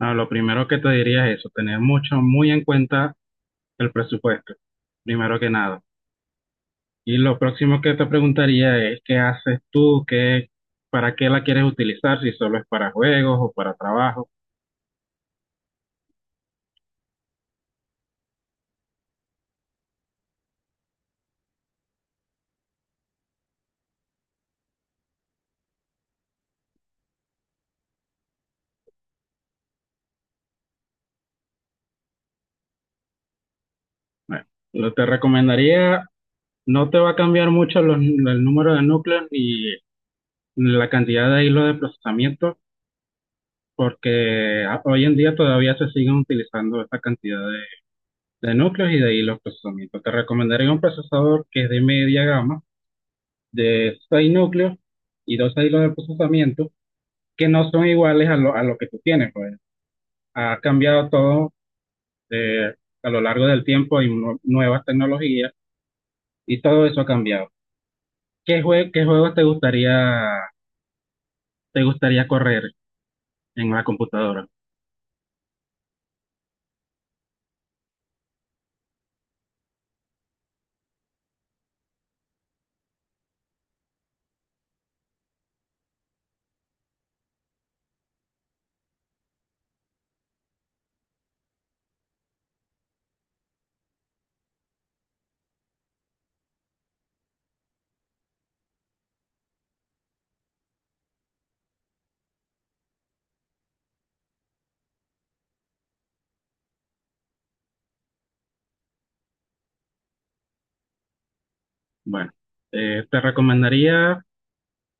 No, lo primero que te diría es eso, tener mucho, muy en cuenta el presupuesto, primero que nada. Y lo próximo que te preguntaría es, ¿qué haces tú? ¿Qué, para qué la quieres utilizar? Si solo es para juegos o para trabajo. Bueno, lo te recomendaría, no te va a cambiar mucho el número de núcleos ni la cantidad de hilos de procesamiento, porque hoy en día todavía se siguen utilizando esta cantidad de núcleos y de hilos de procesamiento. Te recomendaría un procesador que es de media gama, de seis núcleos y dos hilos de procesamiento que no son iguales a lo que tú tienes. Pues, ha cambiado todo, eh, a lo largo del tiempo, hay nuevas tecnologías y todo eso ha cambiado. ¿Qué, qué juegos te gustaría correr en la computadora? Bueno, te recomendaría,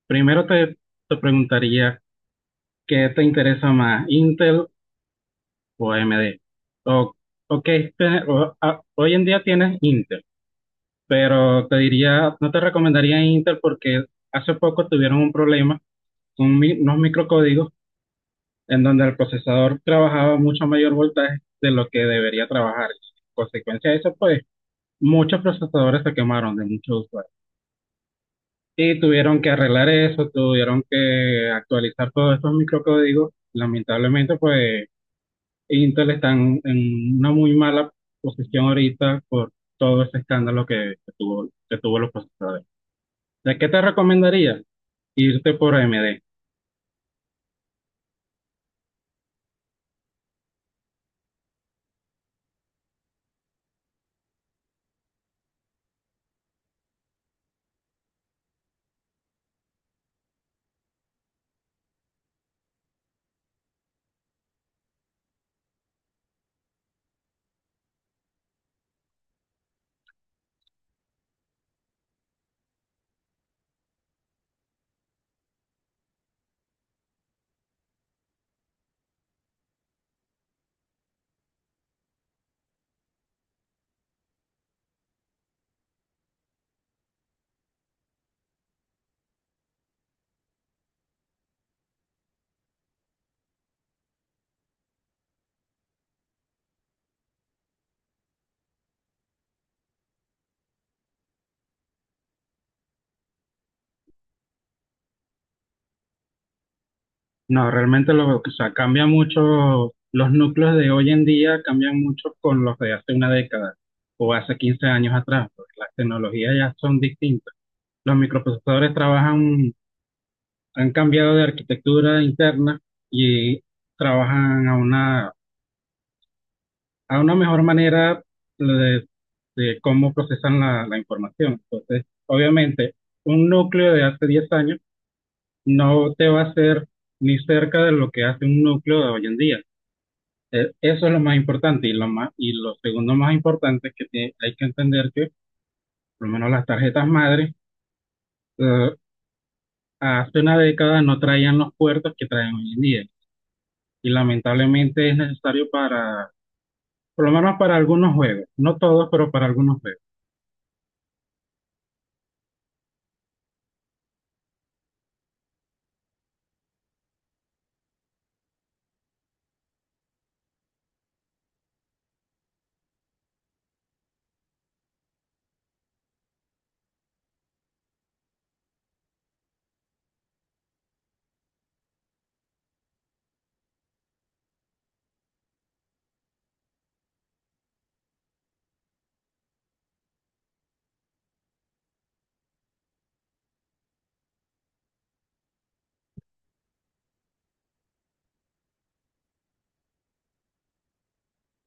primero te, te preguntaría qué te interesa más, Intel o AMD. O, o qué hoy en día tienes Intel, pero te diría, no te recomendaría Intel porque hace poco tuvieron un problema con unos microcódigos en donde el procesador trabajaba mucho mayor voltaje de lo que debería trabajar. En consecuencia de eso, pues muchos procesadores se quemaron de muchos usuarios. Y tuvieron que arreglar eso, tuvieron que actualizar todos estos microcódigos. Lamentablemente, pues Intel está en una muy mala posición ahorita por todo ese escándalo que tuvo los procesadores. ¿De qué te recomendaría? Irte por AMD. No, realmente o sea, cambia mucho, los núcleos de hoy en día cambian mucho con los de hace una década o hace 15 años atrás, porque las tecnologías ya son distintas. Los microprocesadores trabajan, han cambiado de arquitectura interna y trabajan a a una mejor manera de, de cómo procesan la información. Entonces, obviamente, un núcleo de hace 10 años no te va a hacer ni cerca de lo que hace un núcleo de hoy en día. Eso es lo más importante y lo más, y lo segundo más importante es que hay que entender que por lo menos las tarjetas madre, eh, hace una década no traían los puertos que traen hoy en día, y lamentablemente es necesario para, por lo menos para algunos juegos, no todos, pero para algunos juegos.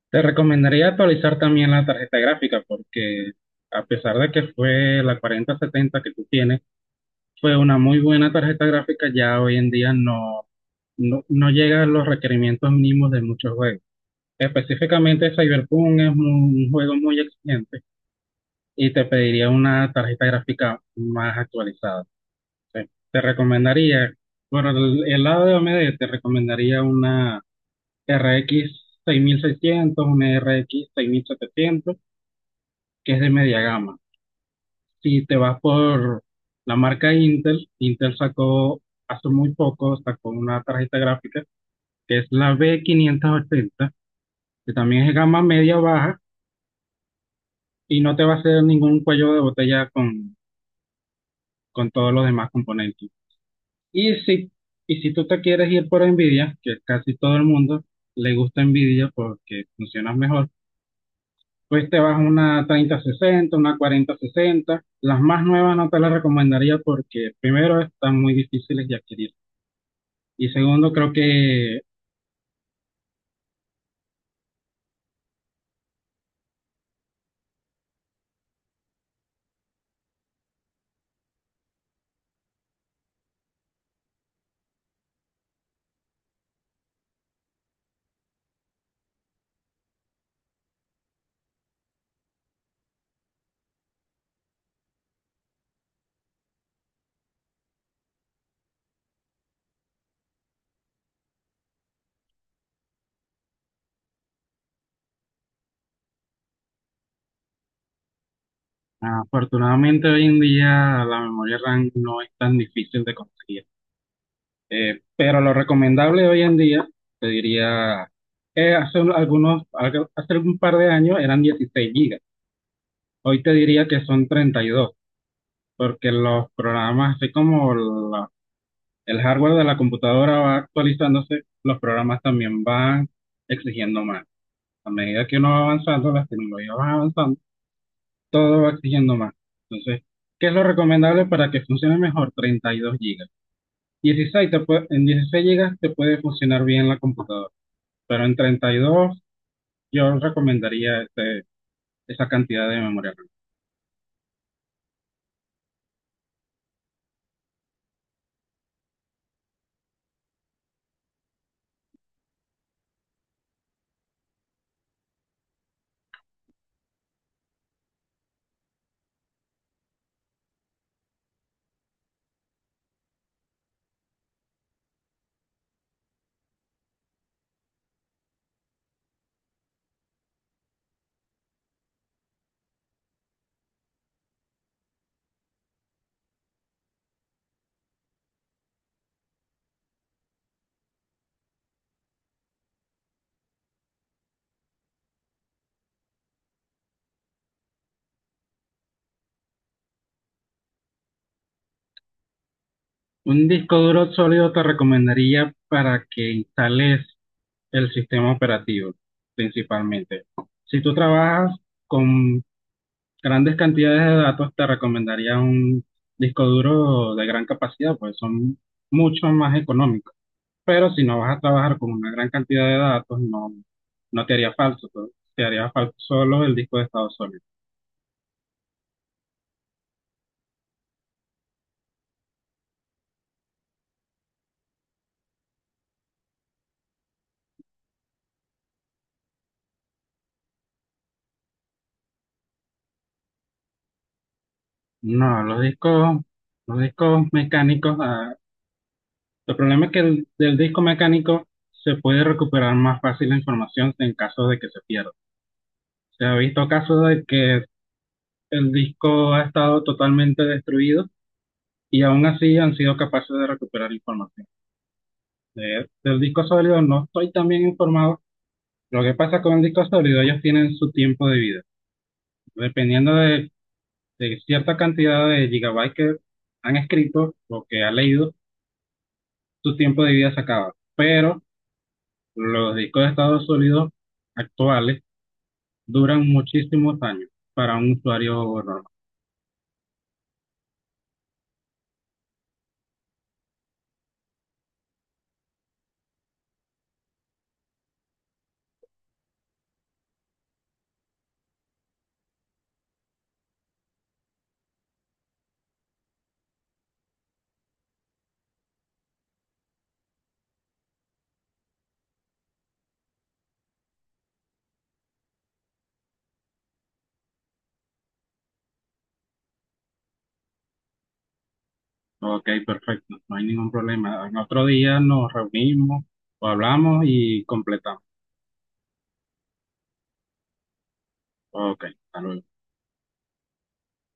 Te recomendaría actualizar también la tarjeta gráfica porque, a pesar de que fue la 4070 que tú tienes, fue una muy buena tarjeta gráfica, ya hoy en día no no llega a los requerimientos mínimos de muchos juegos. Específicamente Cyberpunk es un juego muy exigente y te pediría una tarjeta gráfica más actualizada. Te recomendaría, por el lado de AMD, te recomendaría una RX 6600, una RX 6700, que es de media gama. Si te vas por la marca Intel, Intel sacó hace muy poco, sacó una tarjeta gráfica que es la B580, que también es gama media baja y no te va a hacer ningún cuello de botella con todos los demás componentes. Y si, y si tú te quieres ir por Nvidia, que casi todo el mundo le gusta Nvidia porque funciona mejor, pues te vas a una 3060, una 4060. Las más nuevas no te las recomendaría porque primero están muy difíciles de adquirir y segundo creo que afortunadamente hoy en día la memoria RAM no es tan difícil de conseguir. Pero lo recomendable hoy en día, te diría, hace hace un par de años eran 16 gigas. Hoy te diría que son 32, porque los programas, así como el hardware de la computadora va actualizándose, los programas también van exigiendo más. A medida que uno va avanzando, las tecnologías van avanzando, todo va exigiendo más. Entonces, ¿qué es lo recomendable para que funcione mejor? 32 gigas. En 16 gigas te puede funcionar bien la computadora, pero en 32 yo recomendaría este, esa cantidad de memoria RAM. Un disco duro sólido te recomendaría para que instales el sistema operativo principalmente. Si tú trabajas con grandes cantidades de datos, te recomendaría un disco duro de gran capacidad, pues son mucho más económicos. Pero si no vas a trabajar con una gran cantidad de datos, no te haría falso, pues, te haría falso solo el disco de estado sólido. No, los discos mecánicos, ah, el problema es que del disco mecánico se puede recuperar más fácil la información en caso de que se pierda. Se ha visto casos de que el disco ha estado totalmente destruido y aún así han sido capaces de recuperar información. De- del disco sólido no estoy tan bien informado. Lo que pasa con el disco sólido, ellos tienen su tiempo de vida. Dependiendo de cierta cantidad de gigabytes que han escrito o que ha leído, su tiempo de vida se acaba. Pero los discos de estado sólido actuales duran muchísimos años para un usuario normal. Ok, perfecto, no hay ningún problema. En otro día nos reunimos o hablamos y completamos. Ok, hasta luego.